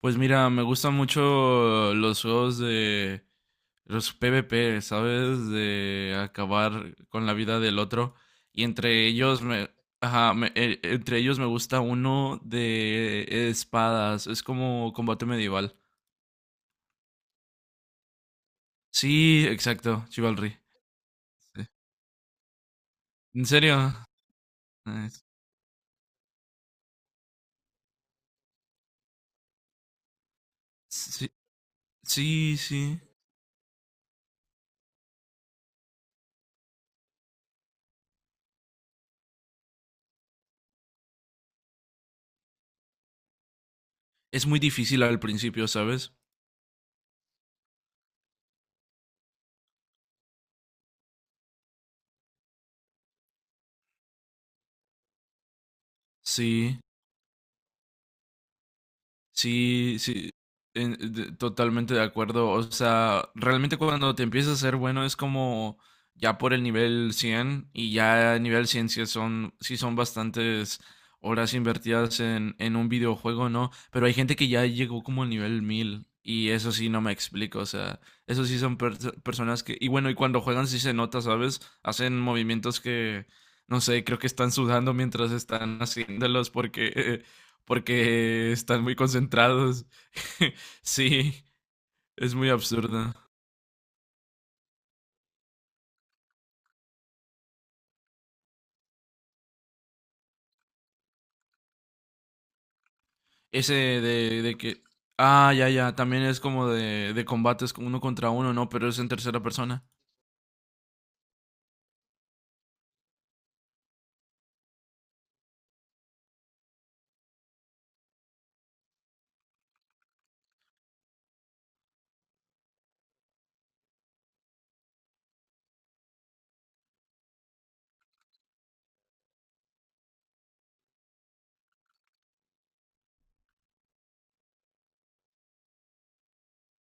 Pues mira, me gustan mucho los juegos de los PvP, ¿sabes? De acabar con la vida del otro. Y entre ellos ajá, entre ellos me gusta uno de espadas. Es como combate medieval. Sí, exacto, Chivalry. Sí. ¿En serio? Nice. Sí, sí, sí. Es muy difícil al principio, ¿sabes? Sí. Sí, sí, totalmente de acuerdo. O sea, realmente cuando te empiezas a ser bueno es como ya por el nivel 100 y ya a nivel 100 sí son bastantes horas invertidas en un videojuego, ¿no? Pero hay gente que ya llegó como al nivel 1000 y eso sí no me explico. O sea, eso sí son personas que... Y bueno, y cuando juegan sí se nota, ¿sabes? Hacen movimientos que... No sé, creo que están sudando mientras están haciéndolos porque están muy concentrados. Sí, es muy absurdo. Ese de que... Ah, ya, ya, también es como de combates con uno contra uno, ¿no? Pero es en tercera persona.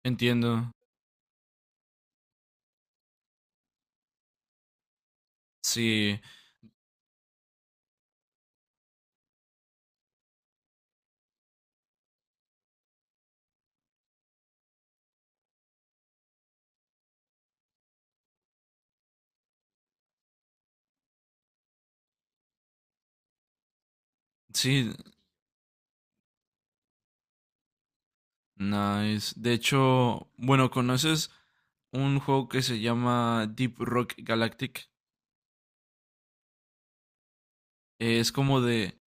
Entiendo. Sí, sí, nice. De hecho, bueno, ¿conoces un juego que se llama Deep Rock Galactic? Es como de...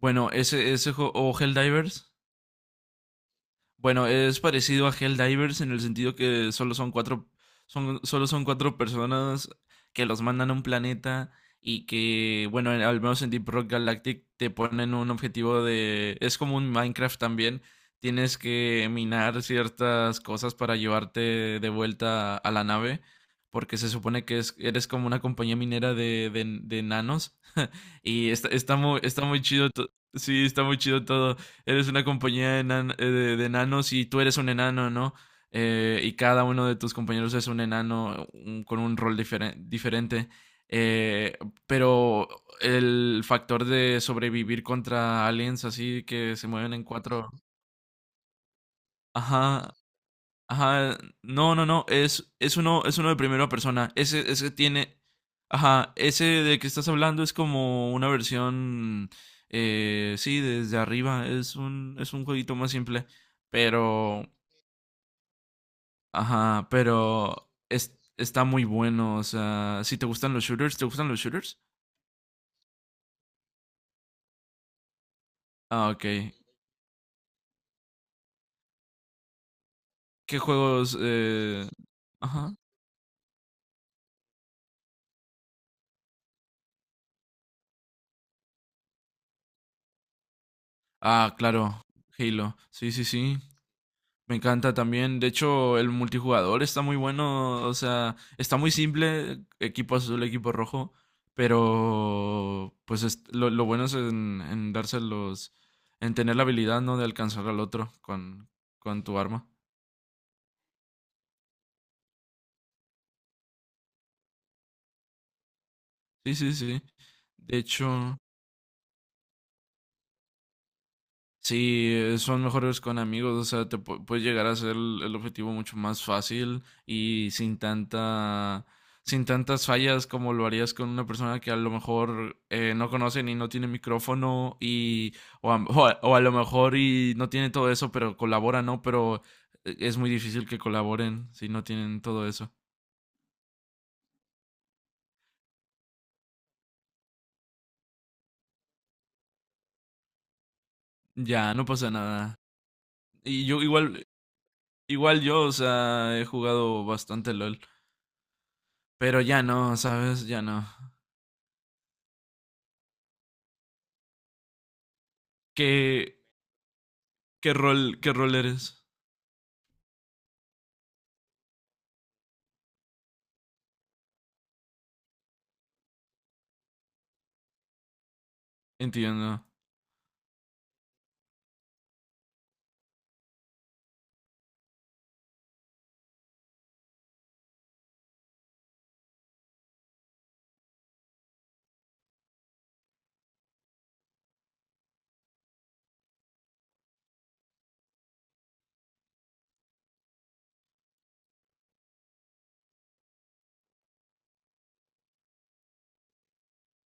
Bueno, ese juego... O Helldivers. Bueno, es parecido a Helldivers en el sentido que solo son cuatro personas que los mandan a un planeta y que, bueno, al menos en Deep Rock Galactic te ponen un objetivo de... Es como un Minecraft también. Tienes que minar ciertas cosas para llevarte de vuelta a la nave, porque se supone que eres como una compañía minera de nanos. Y está muy chido. Sí, está muy chido todo. Eres una compañía de enanos y tú eres un enano, ¿no? Y cada uno de tus compañeros es un enano con un rol diferente. Eh, pero el factor de sobrevivir contra aliens así que se mueven en cuatro. Ajá, ajá, no, no, no, es uno de primera persona. Ajá, ese de que estás hablando es como una versión, sí, desde arriba. Es un jueguito más simple, pero, ajá, está muy bueno. O sea, si te gustan los shooters, ¿te gustan los shooters? Ah, ok. ¿Qué juegos? Ajá. Ah, claro, Halo. Sí, sí, sí. Me encanta también. De hecho, el multijugador está muy bueno. O sea, está muy simple. Equipo azul, equipo rojo. Pero, pues lo bueno es en dárselos, en tener la habilidad, ¿no? De alcanzar al otro con tu arma. Sí, sí, sí. De hecho. Sí, son mejores con amigos, o sea, te puedes llegar a hacer el objetivo mucho más fácil y sin tantas fallas como lo harías con una persona que a lo mejor no conocen y no tiene micrófono y o a lo mejor y no tiene todo eso, pero colabora, ¿no? Pero es muy difícil que colaboren si no tienen todo eso. Ya, no pasa nada. Y yo igual, igual yo, o sea, he jugado bastante LOL, pero ya no, ¿sabes? Ya no. Que ¿Qué rol eres? Entiendo.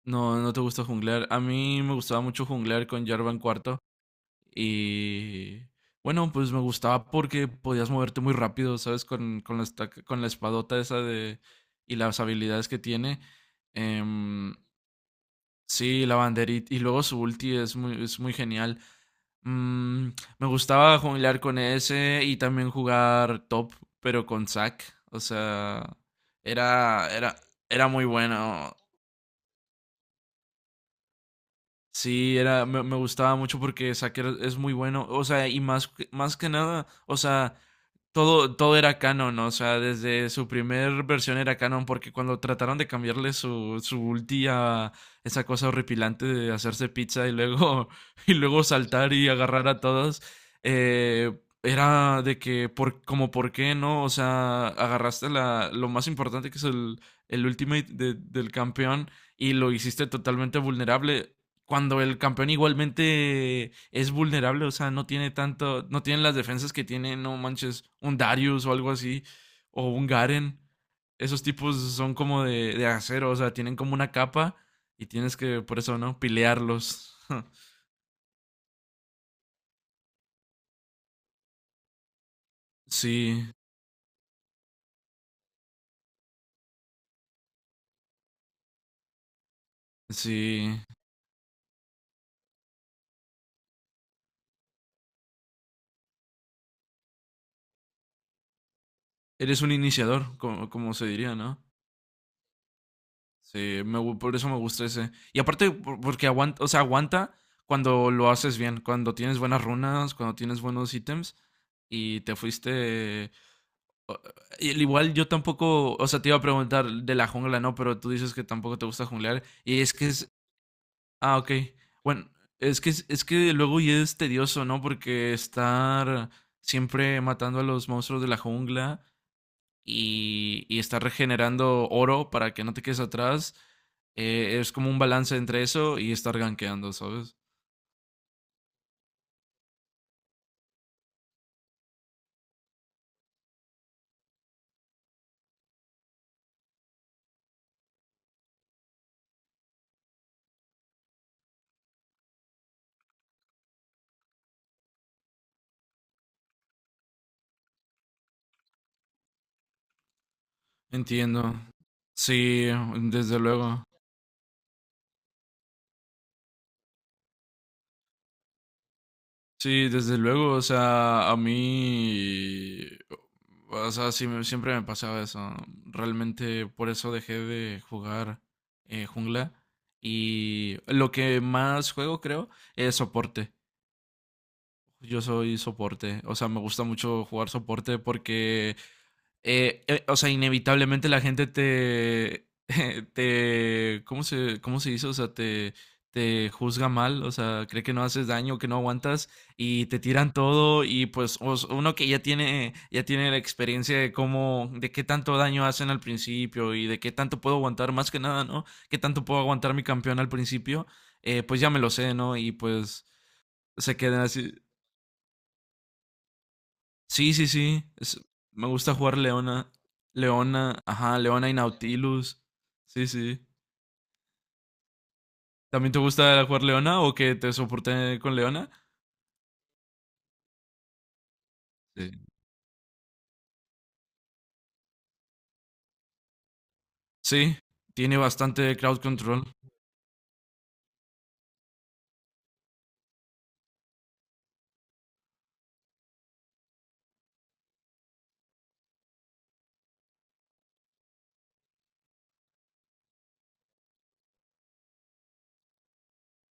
No, no te gusta junglear. A mí me gustaba mucho junglear con Jarvan IV. Y bueno, pues me gustaba porque podías moverte muy rápido, ¿sabes? Con la espadota esa de... y las habilidades que tiene. Em, sí, la banderita. Y luego su ulti es muy genial. Mm, Me gustaba junglear con ese y también jugar top, pero con Zac. O sea, era, era, era muy bueno. Sí, me gustaba mucho porque Saker es muy bueno, o sea, y más, más que nada, o sea, todo era canon, ¿no? O sea, desde su primer versión era canon, porque cuando trataron de cambiarle su ulti a esa cosa horripilante de hacerse pizza y luego, y luego saltar y agarrar a todos, era de que, como por qué, ¿no? O sea, agarraste lo más importante que es el ultimate del campeón y lo hiciste totalmente vulnerable cuando el campeón igualmente es vulnerable, o sea, no tiene tanto, no tienen las defensas que tiene, no manches, un Darius o algo así, o un Garen. Esos tipos son como de acero, o sea, tienen como una capa y tienes que, por eso, ¿no? Pilearlos. Sí, sí. Eres un iniciador, como se diría, ¿no? Sí, por eso me gusta ese. Y aparte, porque aguanta, o sea, aguanta cuando lo haces bien, cuando tienes buenas runas, cuando tienes buenos ítems y te fuiste... o- y al igual yo tampoco, o sea, te iba a preguntar de la jungla, ¿no? Pero tú dices que tampoco te gusta junglear y es que es... Ah, ok. Bueno, es que luego ya es tedioso, ¿no? Porque estar siempre matando a los monstruos de la jungla y estar regenerando oro para que no te quedes atrás. Es como un balance entre eso y estar gankeando, ¿sabes? Entiendo. Sí, desde luego. Sí, desde luego. O sea, a mí... O sea, sí siempre me pasaba eso. Realmente por eso dejé de jugar jungla. Y lo que más juego, creo, es soporte. Yo soy soporte. O sea, me gusta mucho jugar soporte porque o sea, inevitablemente la gente te, ¿cómo se dice? O sea, te juzga mal, o sea, cree que no haces daño, que no aguantas y te tiran todo y pues uno que ya tiene la experiencia de cómo, de qué tanto daño hacen al principio y de qué tanto puedo aguantar, más que nada, ¿no? Qué tanto puedo aguantar mi campeón al principio, pues ya me lo sé, ¿no? Y pues se quedan así. Sí, sí, sí. Me gusta jugar Leona. Leona, ajá, Leona y Nautilus. Sí, sí. ¿También te gusta jugar Leona o que te soporte con Leona? Sí. Sí, tiene bastante crowd control.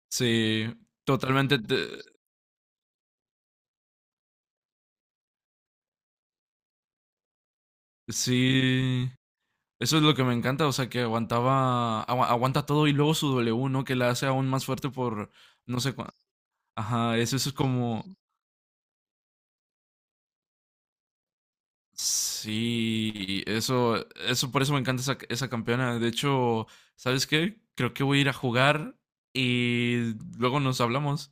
Sí, totalmente. Sí, eso es lo que me encanta. O sea, que aguanta todo y luego su W, ¿no? Que la hace aún más fuerte por, no sé cuánto. Ajá, eso es como, Sí, por eso me encanta esa campeona. De hecho, ¿sabes qué? Creo que voy a ir a jugar y luego nos hablamos.